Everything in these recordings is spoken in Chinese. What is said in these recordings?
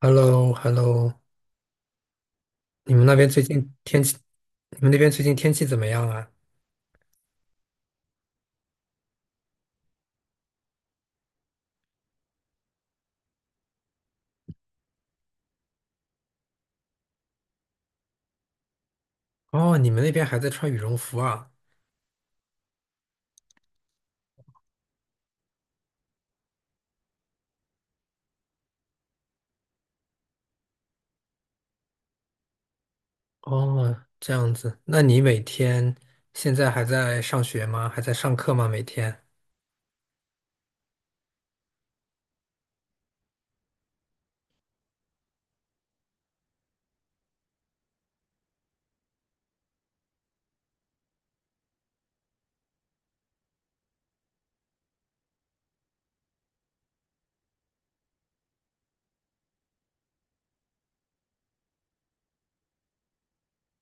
h e l l o h e l l o 你们那边最近天气，你们那边最近天气怎么样啊？哦，你们那边还在穿羽绒服啊？哦，这样子，那你每天现在还在上学吗？还在上课吗？每天？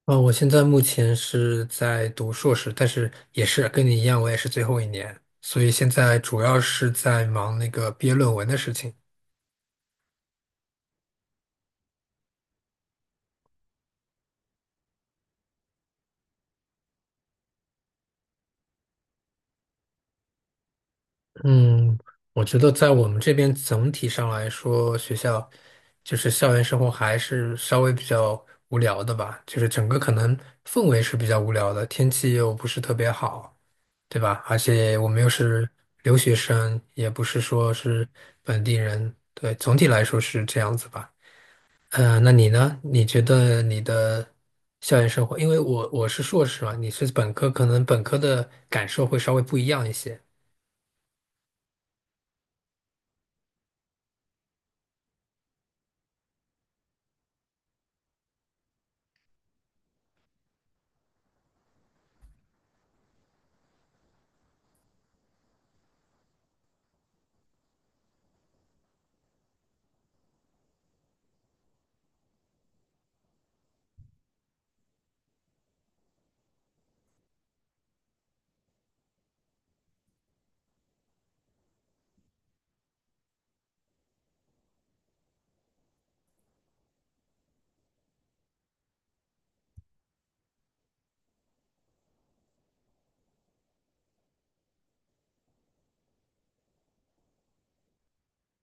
哦，我现在目前是在读硕士，但是也是跟你一样，我也是最后一年，所以现在主要是在忙那个毕业论文的事情。嗯，我觉得在我们这边总体上来说，学校就是校园生活还是稍微比较无聊的吧，就是整个可能氛围是比较无聊的，天气又不是特别好，对吧？而且我们又是留学生，也不是说是本地人，对，总体来说是这样子吧。嗯，那你呢？你觉得你的校园生活，因为我是硕士嘛，你是本科，可能本科的感受会稍微不一样一些。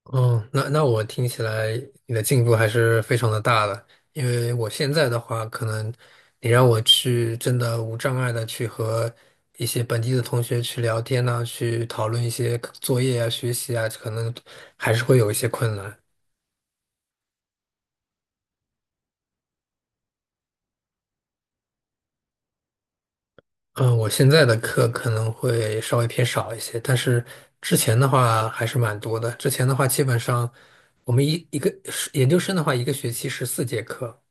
哦，那我听起来你的进步还是非常的大的，因为我现在的话，可能你让我去真的无障碍的去和一些本地的同学去聊天呐、去讨论一些作业啊、学习啊，可能还是会有一些困难。嗯，我现在的课可能会稍微偏少一些，但是之前的话还是蛮多的。之前的话，基本上我们一个研究生的话，一个学期14节课。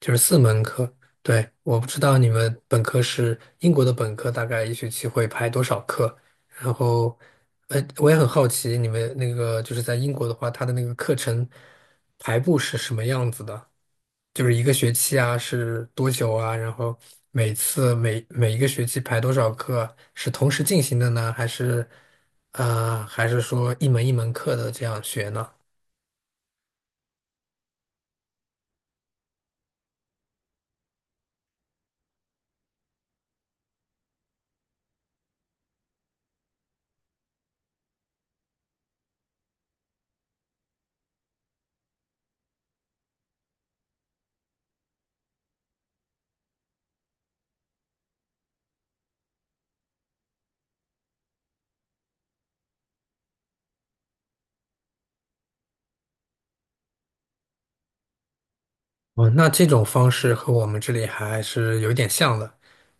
就是4门课。对，我不知道你们本科是英国的本科，大概一学期会排多少课？然后，我也很好奇你们那个就是在英国的话，它的那个课程排布是什么样子的？就是一个学期啊，是多久啊？然后每次每一个学期排多少课？是同时进行的呢，还是说一门一门课的这样学呢？哦，那这种方式和我们这里还是有点像的，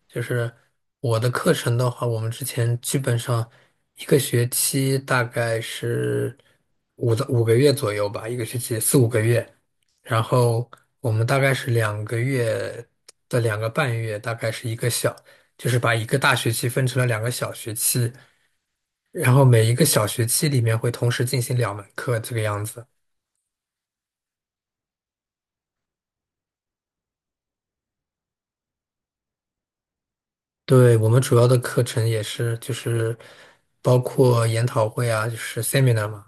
就是我的课程的话，我们之前基本上一个学期大概是五个月左右吧，一个学期4、5个月，然后我们大概是2个半月，大概是一个小，就是把一个大学期分成了2个小学期，然后每一个小学期里面会同时进行2门课这个样子。对，我们主要的课程也是就是包括研讨会啊，就是 seminar 嘛，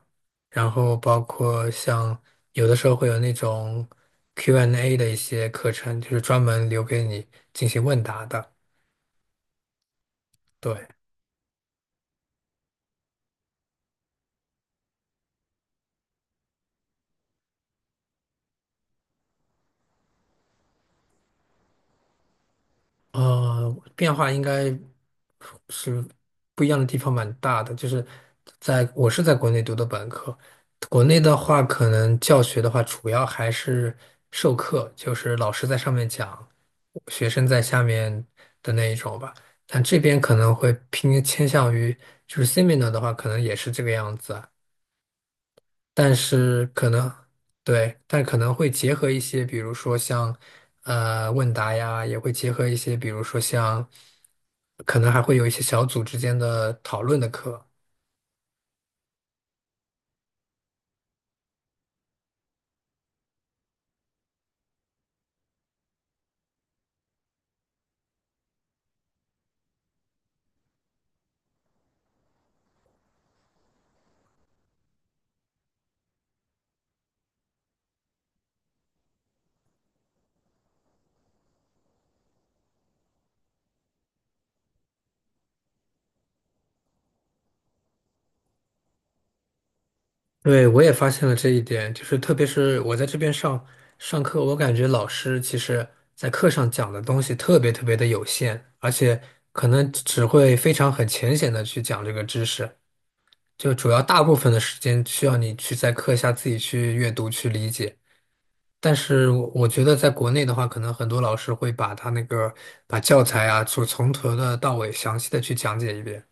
然后包括像有的时候会有那种 Q&A 的一些课程，就是专门留给你进行问答的。对，呃，变化应该是不一样的地方蛮大的，就是在我是在国内读的本科，国内的话，可能教学的话，主要还是授课，就是老师在上面讲，学生在下面的那一种吧。但这边可能会偏倾向于，就是 seminar 的话，可能也是这个样子啊。但是可能对，但可能会结合一些，比如说像问答呀，也会结合一些，比如说像。可能还会有一些小组之间的讨论的课。对，我也发现了这一点，就是特别是我在这边上课，我感觉老师其实在课上讲的东西特别特别的有限，而且可能只会非常很浅显的去讲这个知识，就主要大部分的时间需要你去在课下自己去阅读去理解。但是我觉得在国内的话，可能很多老师会把他那个把教材啊，就从头的到尾详细的去讲解一遍。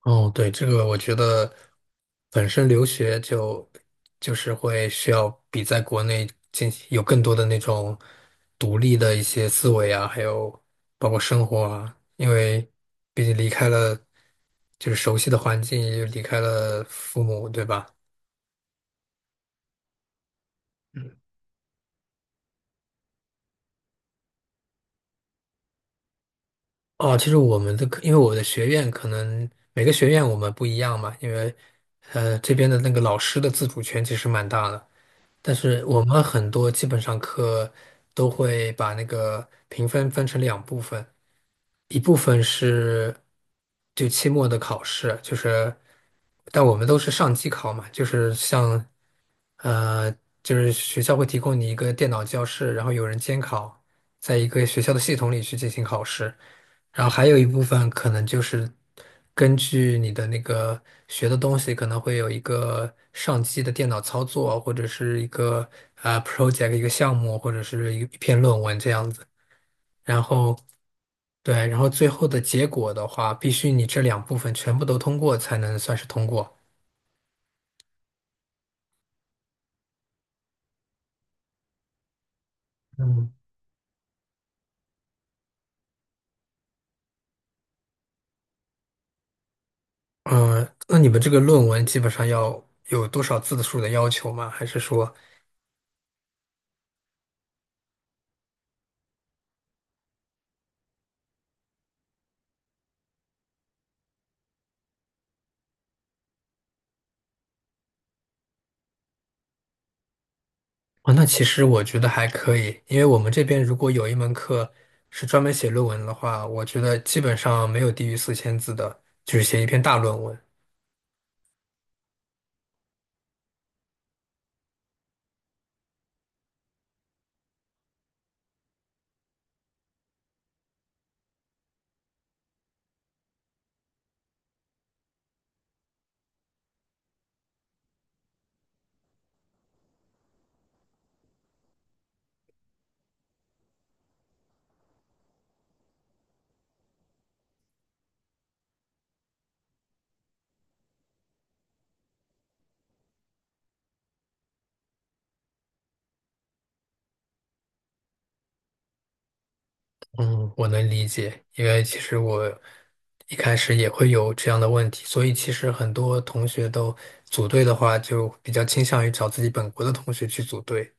哦，对，这个我觉得本身留学就是会需要比在国内进行有更多的那种独立的一些思维啊，还有包括生活啊，因为毕竟离开了就是熟悉的环境，也就离开了父母，对吧？哦，其实我们的课，因为我的学院可能每个学院我们不一样嘛，因为这边的那个老师的自主权其实蛮大的。但是我们很多基本上课都会把那个评分分成两部分，一部分是就期末的考试，就是但我们都是上机考嘛，就是呃，就是学校会提供你一个电脑教室，然后有人监考，在一个学校的系统里去进行考试。然后还有一部分可能就是根据你的那个学的东西，可能会有一个上机的电脑操作，或者是一个 project 一个项目，或者是一篇论文这样子。然后对，然后最后的结果的话，必须你这两部分全部都通过才能算是通过。嗯，嗯，那你们这个论文基本上要有多少字数的要求吗？还是说？啊，那其实我觉得还可以，因为我们这边如果有一门课是专门写论文的话，我觉得基本上没有低于4,000字的，就是写一篇大论文。嗯，我能理解，因为其实我一开始也会有这样的问题，所以其实很多同学都组队的话，就比较倾向于找自己本国的同学去组队。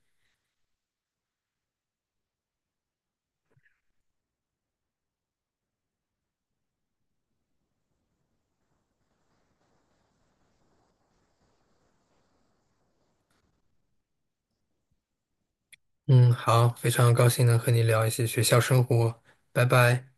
嗯，好，非常高兴能和你聊一些学校生活，拜拜。